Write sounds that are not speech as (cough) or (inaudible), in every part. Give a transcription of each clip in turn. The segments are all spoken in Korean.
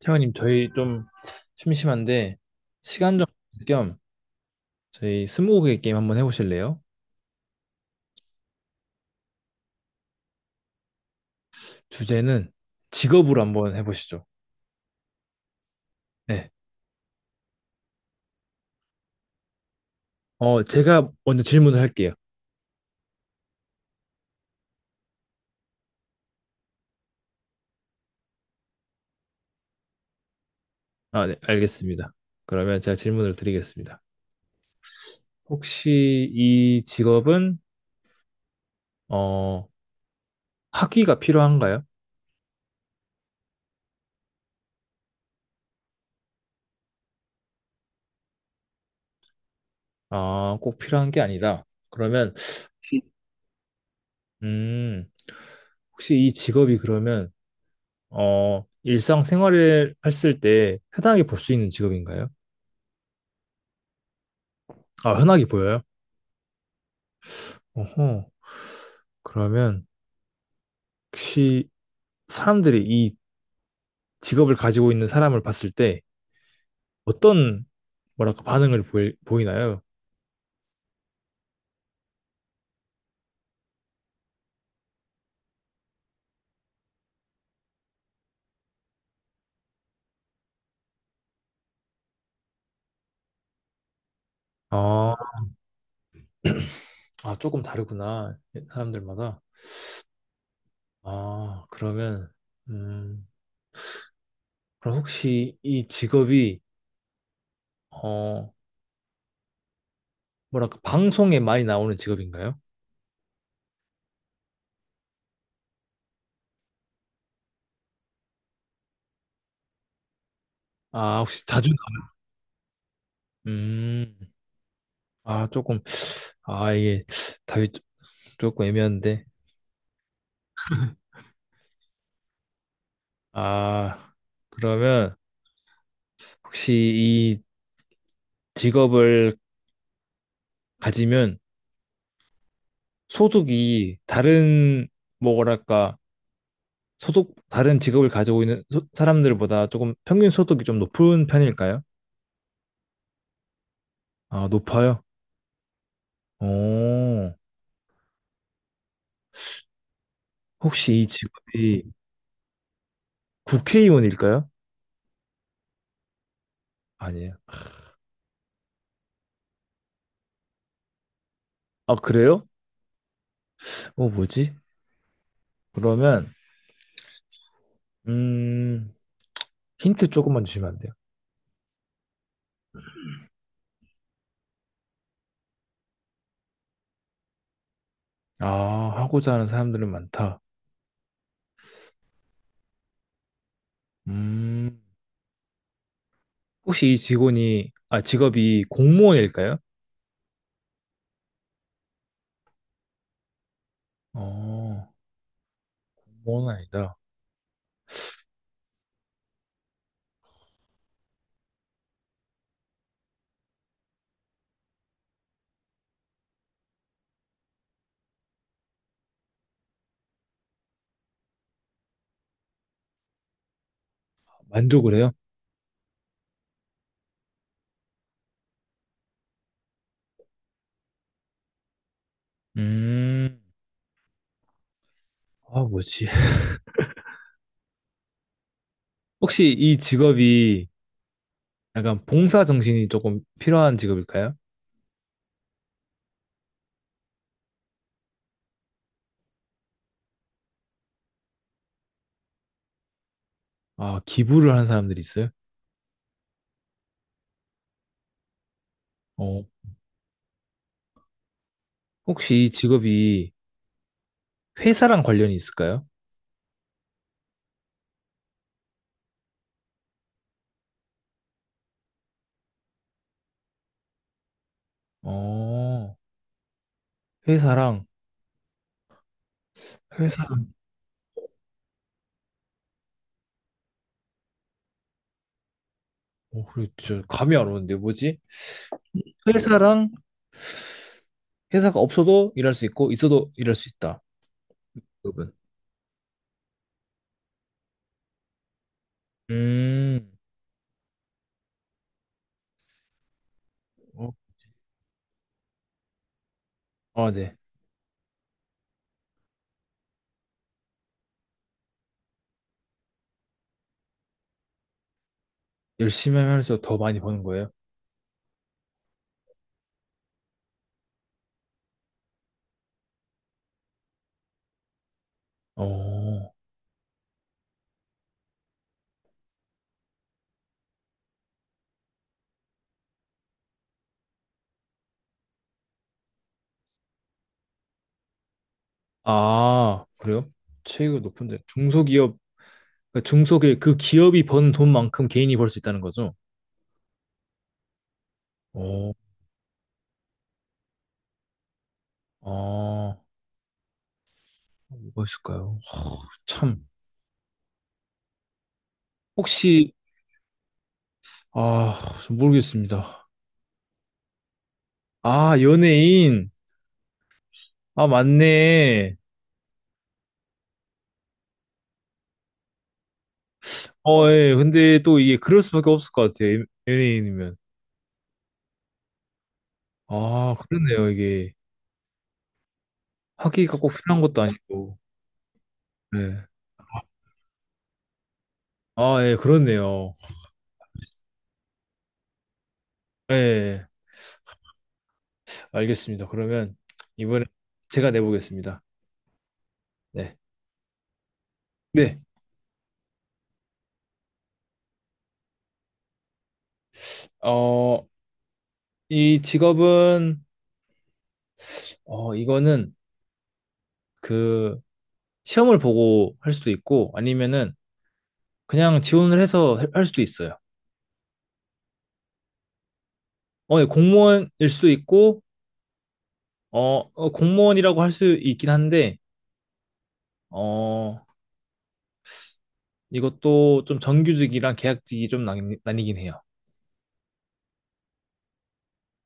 태원님, 저희 좀 심심한데 시간 좀 겸 저희 스무고개 게임 한번 해보실래요? 주제는 직업으로 한번 해보시죠. 네. 제가 먼저 질문을 할게요. 아, 네, 알겠습니다. 그러면 제가 질문을 드리겠습니다. 혹시 이 직업은 어, 학위가 필요한가요? 아, 꼭 필요한 게 아니다. 그러면 음, 혹시 이 직업이 그러면 어, 일상생활을 했을 때 흔하게 볼 수 있는 직업인가요? 아, 흔하게 보여요? 어허. 그러면 혹시 사람들이 이 직업을 가지고 있는 사람을 봤을 때 어떤 뭐랄까 반응을 보이나요? 아, 아, 조금 다르구나. 사람들마다. 아, 그러면 음, 그럼 혹시 이 직업이 어, 뭐랄까 방송에 많이 나오는 직업인가요? 아, 혹시 자주 나- 음. 아, 조금 아, 이게 답이 조- 조금 애매한데. 아, 그러면 혹시 직업을 가지면 소득이 다른 뭐랄까 소득 다른 직업을 가지고 있는 소- 사람들보다 조금 평균 소득이 좀 높은 편일까요? 아, 높아요. 오, 혹시 이 직업이 국회의원일까요? 아니에요. 아, 그래요? 어, 뭐지? 그러면 음, 힌트 조금만 주시면 안 돼요? 아, 하고자 하는 사람들은 많다. 음, 혹시 이 직원이 아, 직업이 공무원일까요? 어, 공무원은 아니다. 만족을 해요? 음, 아, 뭐지? (laughs) 혹시 이 직업이 약간 봉사 정신이 조금 필요한 직업일까요? 아, 기부를 한 사람들이 있어요? 어, 혹시 이 직업이 회사랑 관련이 있을까요? 어, 회사랑, 회사, 어, 그렇죠. 감이 안 오는데, 뭐지? 회사랑, 회사가 없어도 일할 수 있고, 있어도 일할 수 있다. 그분 음, 어, 아, 네. 열심히 하면서 더 많이 버는 거예요? 어, 아, 그래요? 체육이 높은데 중소기업 그러니까 중소기업, 그 기업이 번 돈만큼 개인이 벌 수 있다는 거죠? 오, 아, 뭐가 있을까요? 하, 참, 혹시, 아, 좀 모르겠습니다. 아, 연예인. 아, 맞네. 어, 예. 근데 또 이게 그럴 수밖에 없을 것 같아요. 연예인이면. 아, 그렇네요. 이게 학위가 꼭 필요한 것도 아니고. 네. 아, 예, 그렇네요. 예, 알겠습니다. 그러면 이번에 제가 내보겠습니다. 네. 네. 어, 이 직업은 어, 이거는 그 시험을 보고 할 수도 있고 아니면은 그냥 지원을 해서 할 수도 있어요. 어, 예, 공무원일 수도 있고 공무원이라고 할 수 있긴 한데 어, 이것도 좀 정규직이랑 계약직이 좀 나뉘긴 해요.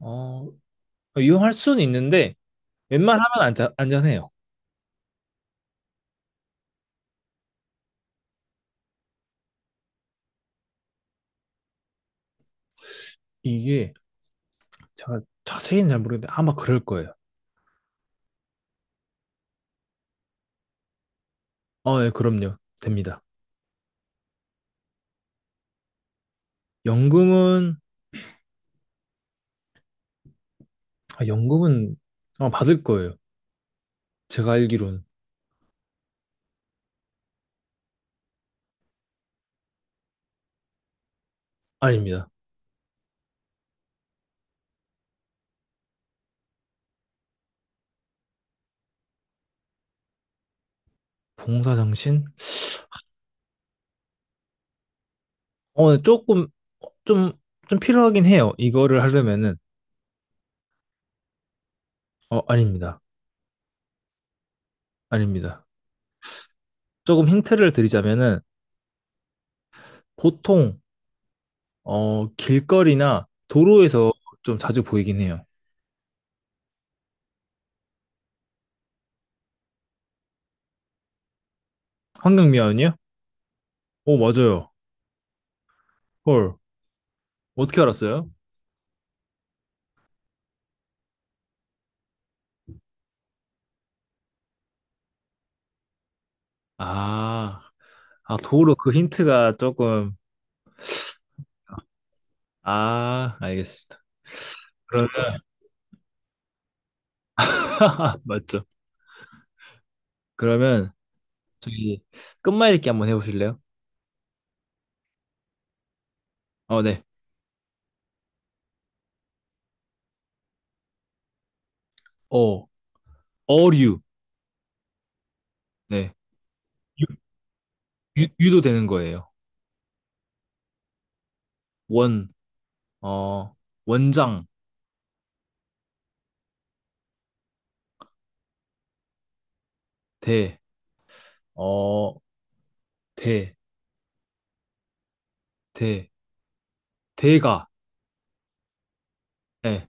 어, 이용할 수는 있는데 웬만하면 안전해요. 이게 제가 자세히는 잘 모르겠는데 아마 그럴 거예요. 어, 예, 그럼요. 됩니다. 연금은 아, 연금은 아마 받을 거예요. 제가 알기로는 아닙니다. 봉사 정신? 어, 네, 조금 좀좀 필요하긴 해요. 이거를 하려면은 어, 아닙니다. 아닙니다. 조금 힌트를 드리자면은 보통 길거리나 도로에서 좀 자주 보이긴 해요. 환경미화원이요? 오, 맞아요. 헐. 어떻게 알았어요? 아, 아, 도로 그 힌트가 조금 아, 알겠습니다. 그러면 (laughs) 맞죠. 그러면 저기 끝말잇기 한번 해보실래요? 어, 네. 어, 어류. 네. 유, 유도되는 거예요. 원, 어, 원장, 대, 어, 대, 대, 대가, 예,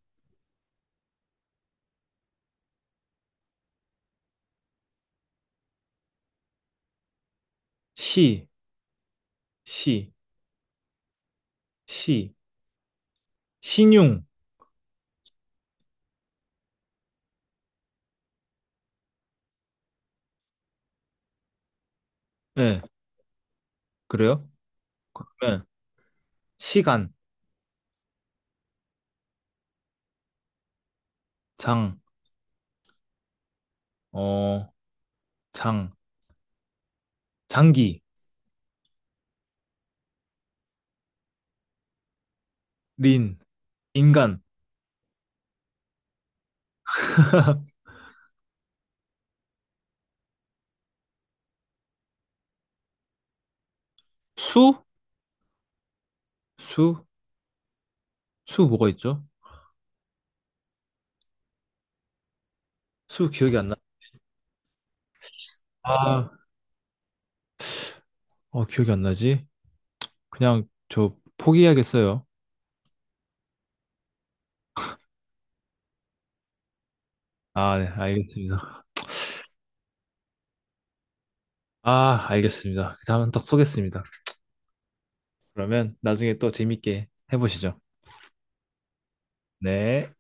시, 시, 시, 신용, 예, 그래요? 예, 시간, 장, 어, 장, 장기, 린, 인간, 수, 수, 수 뭐가 있죠? 수 기억이 안 나. 아, 어, 기억이 안 나지? 그냥 저 포기해야겠어요. 아, 네, 알겠습니다. 아, 알겠습니다. 다음은 딱 쏘겠습니다. 그러면 나중에 또 재밌게 해보시죠. 네.